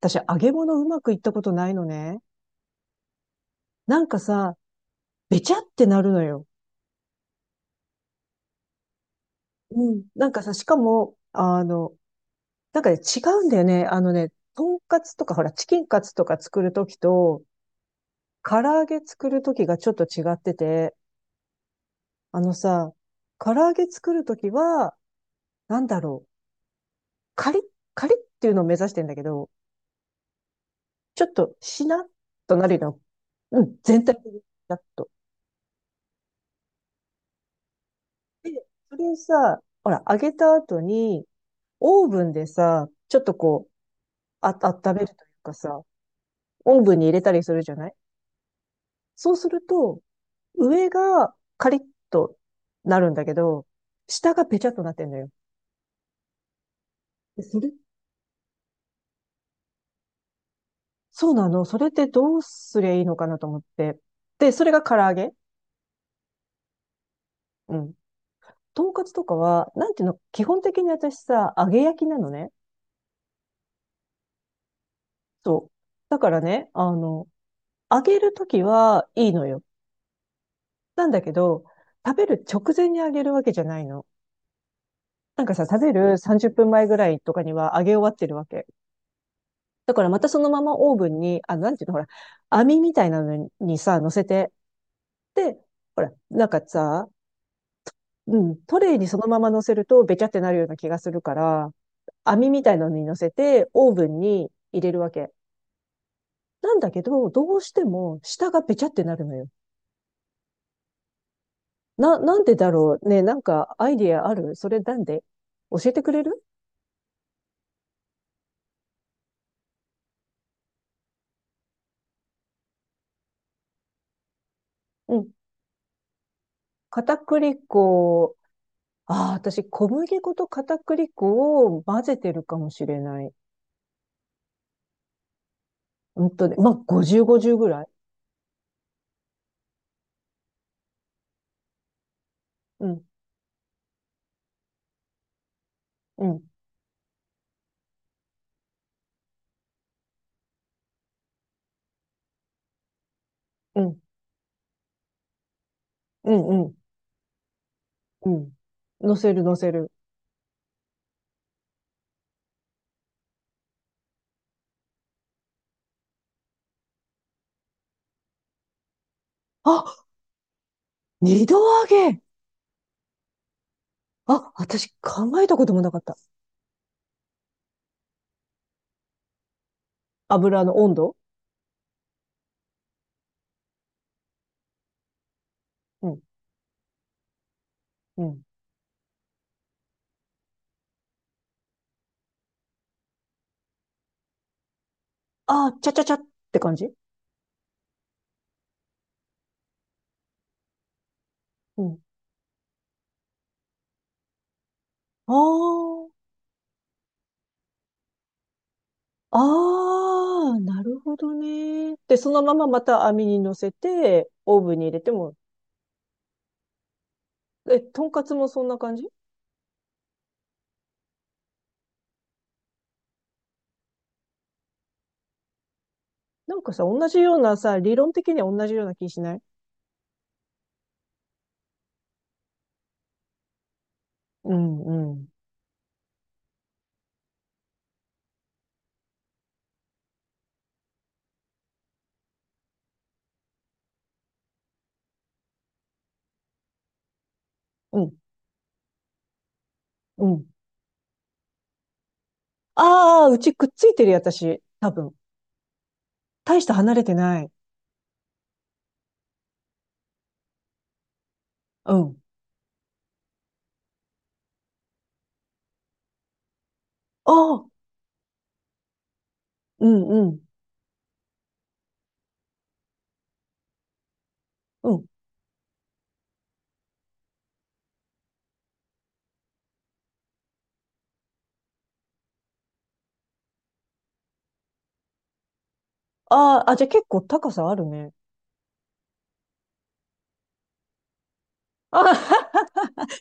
私、揚げ物うまくいったことないのね。なんかさ、べちゃってなるのよ。うん。なんかさ、しかも、あの、なんかね、違うんだよね。あのね、とんかつとか、ほら、チキンカツとか作るときと、唐揚げ作るときがちょっと違ってて、あのさ、唐揚げ作るときは、なんだろう、カリッ、カリッっていうのを目指してんだけど、ちょっとしなっとなるの。うん、全体的にしなっと。で、それをさ、ほら、揚げた後に、オーブンでさ、ちょっとこう、あ、温めるというかさ、オーブンに入れたりするじゃない。そうすると、上がカリッとなるんだけど、下がペチャッとなってんのよ。でそれ、そうなの。それってどうすりゃいいのかなと思って。で、それが唐揚げ。うん。とんかつとかは、なんていうの、基本的に私さ、揚げ焼きなのね。そう。だからね、あの、揚げるときはいいのよ。なんだけど、食べる直前に揚げるわけじゃないの。なんかさ、食べる30分前ぐらいとかには揚げ終わってるわけ。だからまたそのままオーブンに、あ、なんていうの、ほら、網みたいなのにさ、乗せて、で、ほら、なんかさ、うん、トレイにそのまま乗せるとべちゃってなるような気がするから、網みたいなのに乗せて、オーブンに入れるわけ。なんだけど、どうしても下がべちゃってなるのよ。なんでだろうね、なんかアイディアあるそれなんで教えてくれる？うん。片栗粉。ああ、私、小麦粉と片栗粉を混ぜてるかもしれない。うんとね、まあ、50、50ぐらい。うん、うん、うん、うん、うん、うん。乗せる、乗せる。あ、二度揚げ。あ、私考えたこともなかった。油の温度。うん、うん。あー、ちゃちゃちゃって感じ。うん。ああ、ああ、なるほどね。で、そのまままた網に乗せて、オーブンに入れても、え、とんかつもそんな感じ？なんかさ、同じようなさ、理論的には同じような気しない？うんうん。うん、うん。ああ、うちくっついてるよ、私。多分。大して離れてない。うん。ああ、うんうん。うん。ああ、あ、じゃあ結構高さあるね。あははは。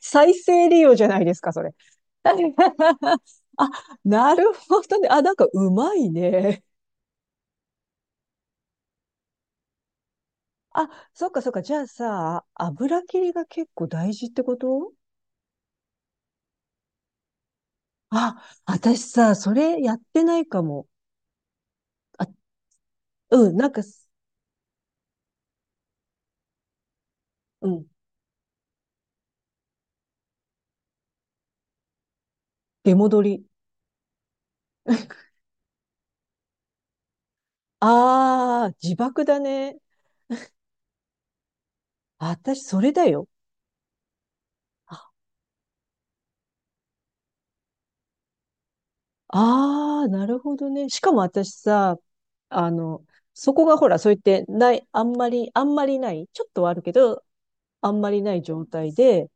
再生利用じゃないですか、それ。あ、なるほどね。あ、なんかうまいね。あ、そっかそっか。じゃあさ、油切りが結構大事ってこと？あ、私さ、それやってないかも。うん、なんかす、うん、出戻り。ああ、自爆だね。私、それだよ。ああー、なるほどね。しかも私さ、あの、そこがほら、そう言って、ない、あんまり、あんまりない、ちょっとはあるけど、あんまりない状態で、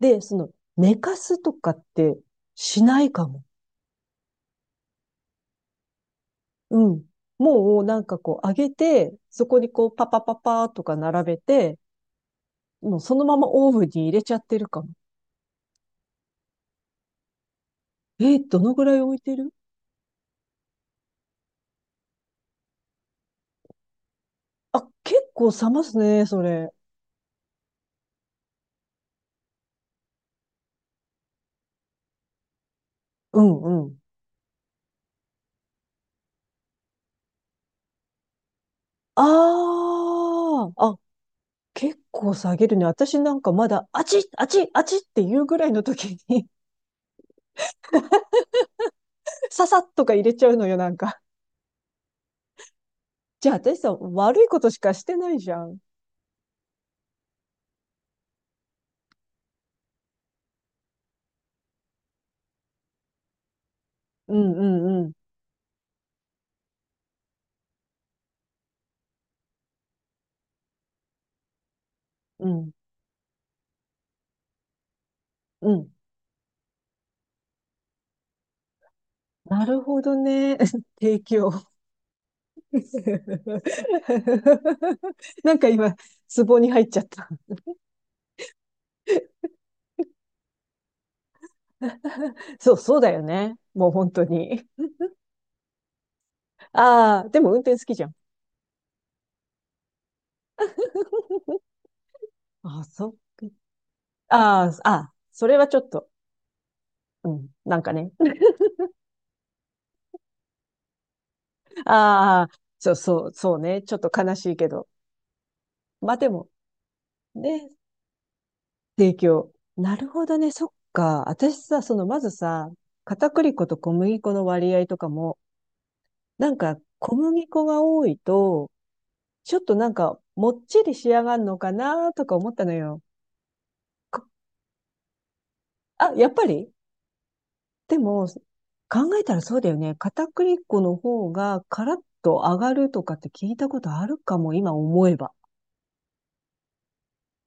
で、その、寝かすとかってしないかも。うん。もう、なんかこう、上げて、そこにこう、パパパパーとか並べて、もうそのままオーブンに入れちゃってるかも。えー、どのぐらい置いてる？あ、結構冷ますね、それ。うんうん。ああ、あ、結構下げるね。私なんかまだ、あちっ、あちっ、あちっっていうぐらいの時に ささっとか入れちゃうのよ、なんか。じゃあ私さ、悪いことしかしてないじゃん。うんうんうん。うん。うん。なるほどね。提供。なんか今、壺に入っちゃった。そう、そうだよね。もう本当に。ああ、でも運転好きじゃん。あ、そっか。ああ、あ、それはちょっと、うん、なんかね。ああ、そうそう、そうね。ちょっと悲しいけど。まあでも、ね、提供。なるほどね、そっか。私さ、その、まずさ、片栗粉と小麦粉の割合とかも、なんか、小麦粉が多いと、ちょっとなんか、もっちり仕上がるのかなとか思ったのよ。こあ、やっぱり。でも、考えたらそうだよね。片栗粉の方がカラッと上がるとかって聞いたことあるかも、今思えば。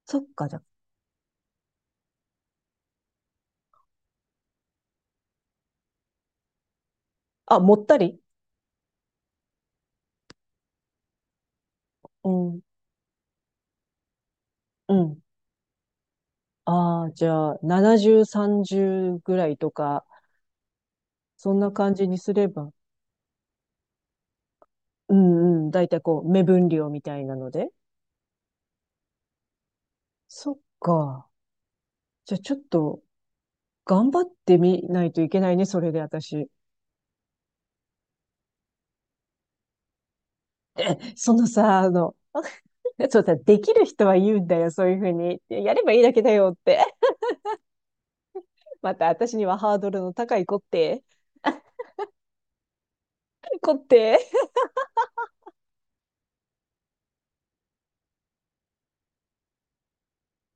そっか、じゃあ。あ、もったり。うん、うん。ああ、じゃあ、70、30ぐらいとか、そんな感じにすれば。うんうん。だいたいこう、目分量みたいなので。そっか。じゃあ、ちょっと、頑張ってみないといけないね、それで私。え、そのさ、あの、そうさ、できる人は言うんだよ、そういうふうに。やればいいだけだよって。また私にはハードルの高い子って。子って。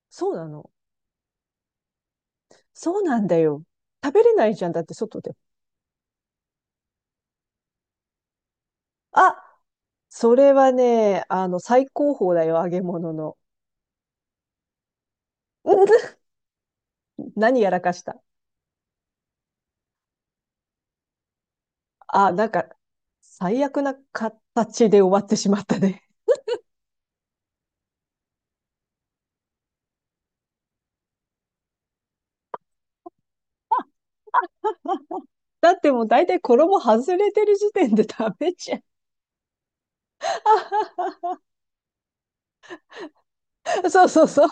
そうなの。そうなんだよ。食べれないじゃん。だって外で。あ、それはね、あの、最高峰だよ、揚げ物の。何やらかした。あ、なんか、最悪な形で終わってしまったね。だってもう大体衣外れてる時点で 食べちゃう。そうそうそう。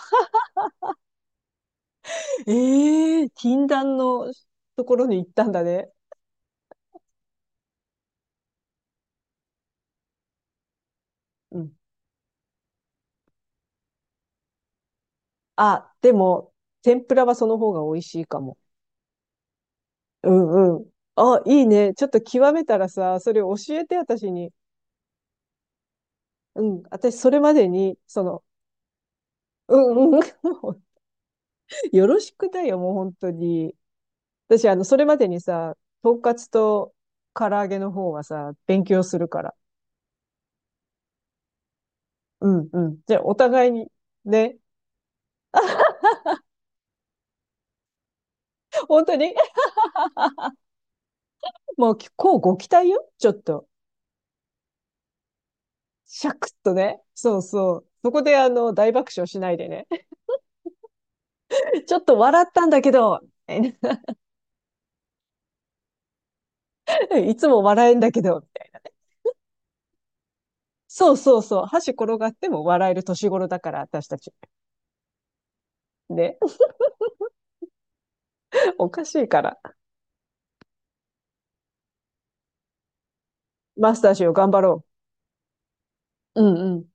ええー、禁断のところに行ったんだね。うん。あ、でも、天ぷらはその方が美味しいかも。うんうん。あ、いいね。ちょっと極めたらさ、それ教えて、私に。うん。私、それまでに、その、うんうん。もうよろしくだよ、もう本当に。私、あの、それまでにさ、とんかつと唐揚げの方はさ、勉強するから。うんうん。じゃあ、お互いに、ね。本当に、もう、こうご期待よ。ちょっと。シャクッとね。そうそう。そこで、あの、大爆笑しないでね。ちょっと笑ったんだけど、いつも笑えんだけど。そうそうそう。箸転がっても笑える年頃だから、私たち。ね。 おかしいから。マスターしよう、頑張ろう。うんうん。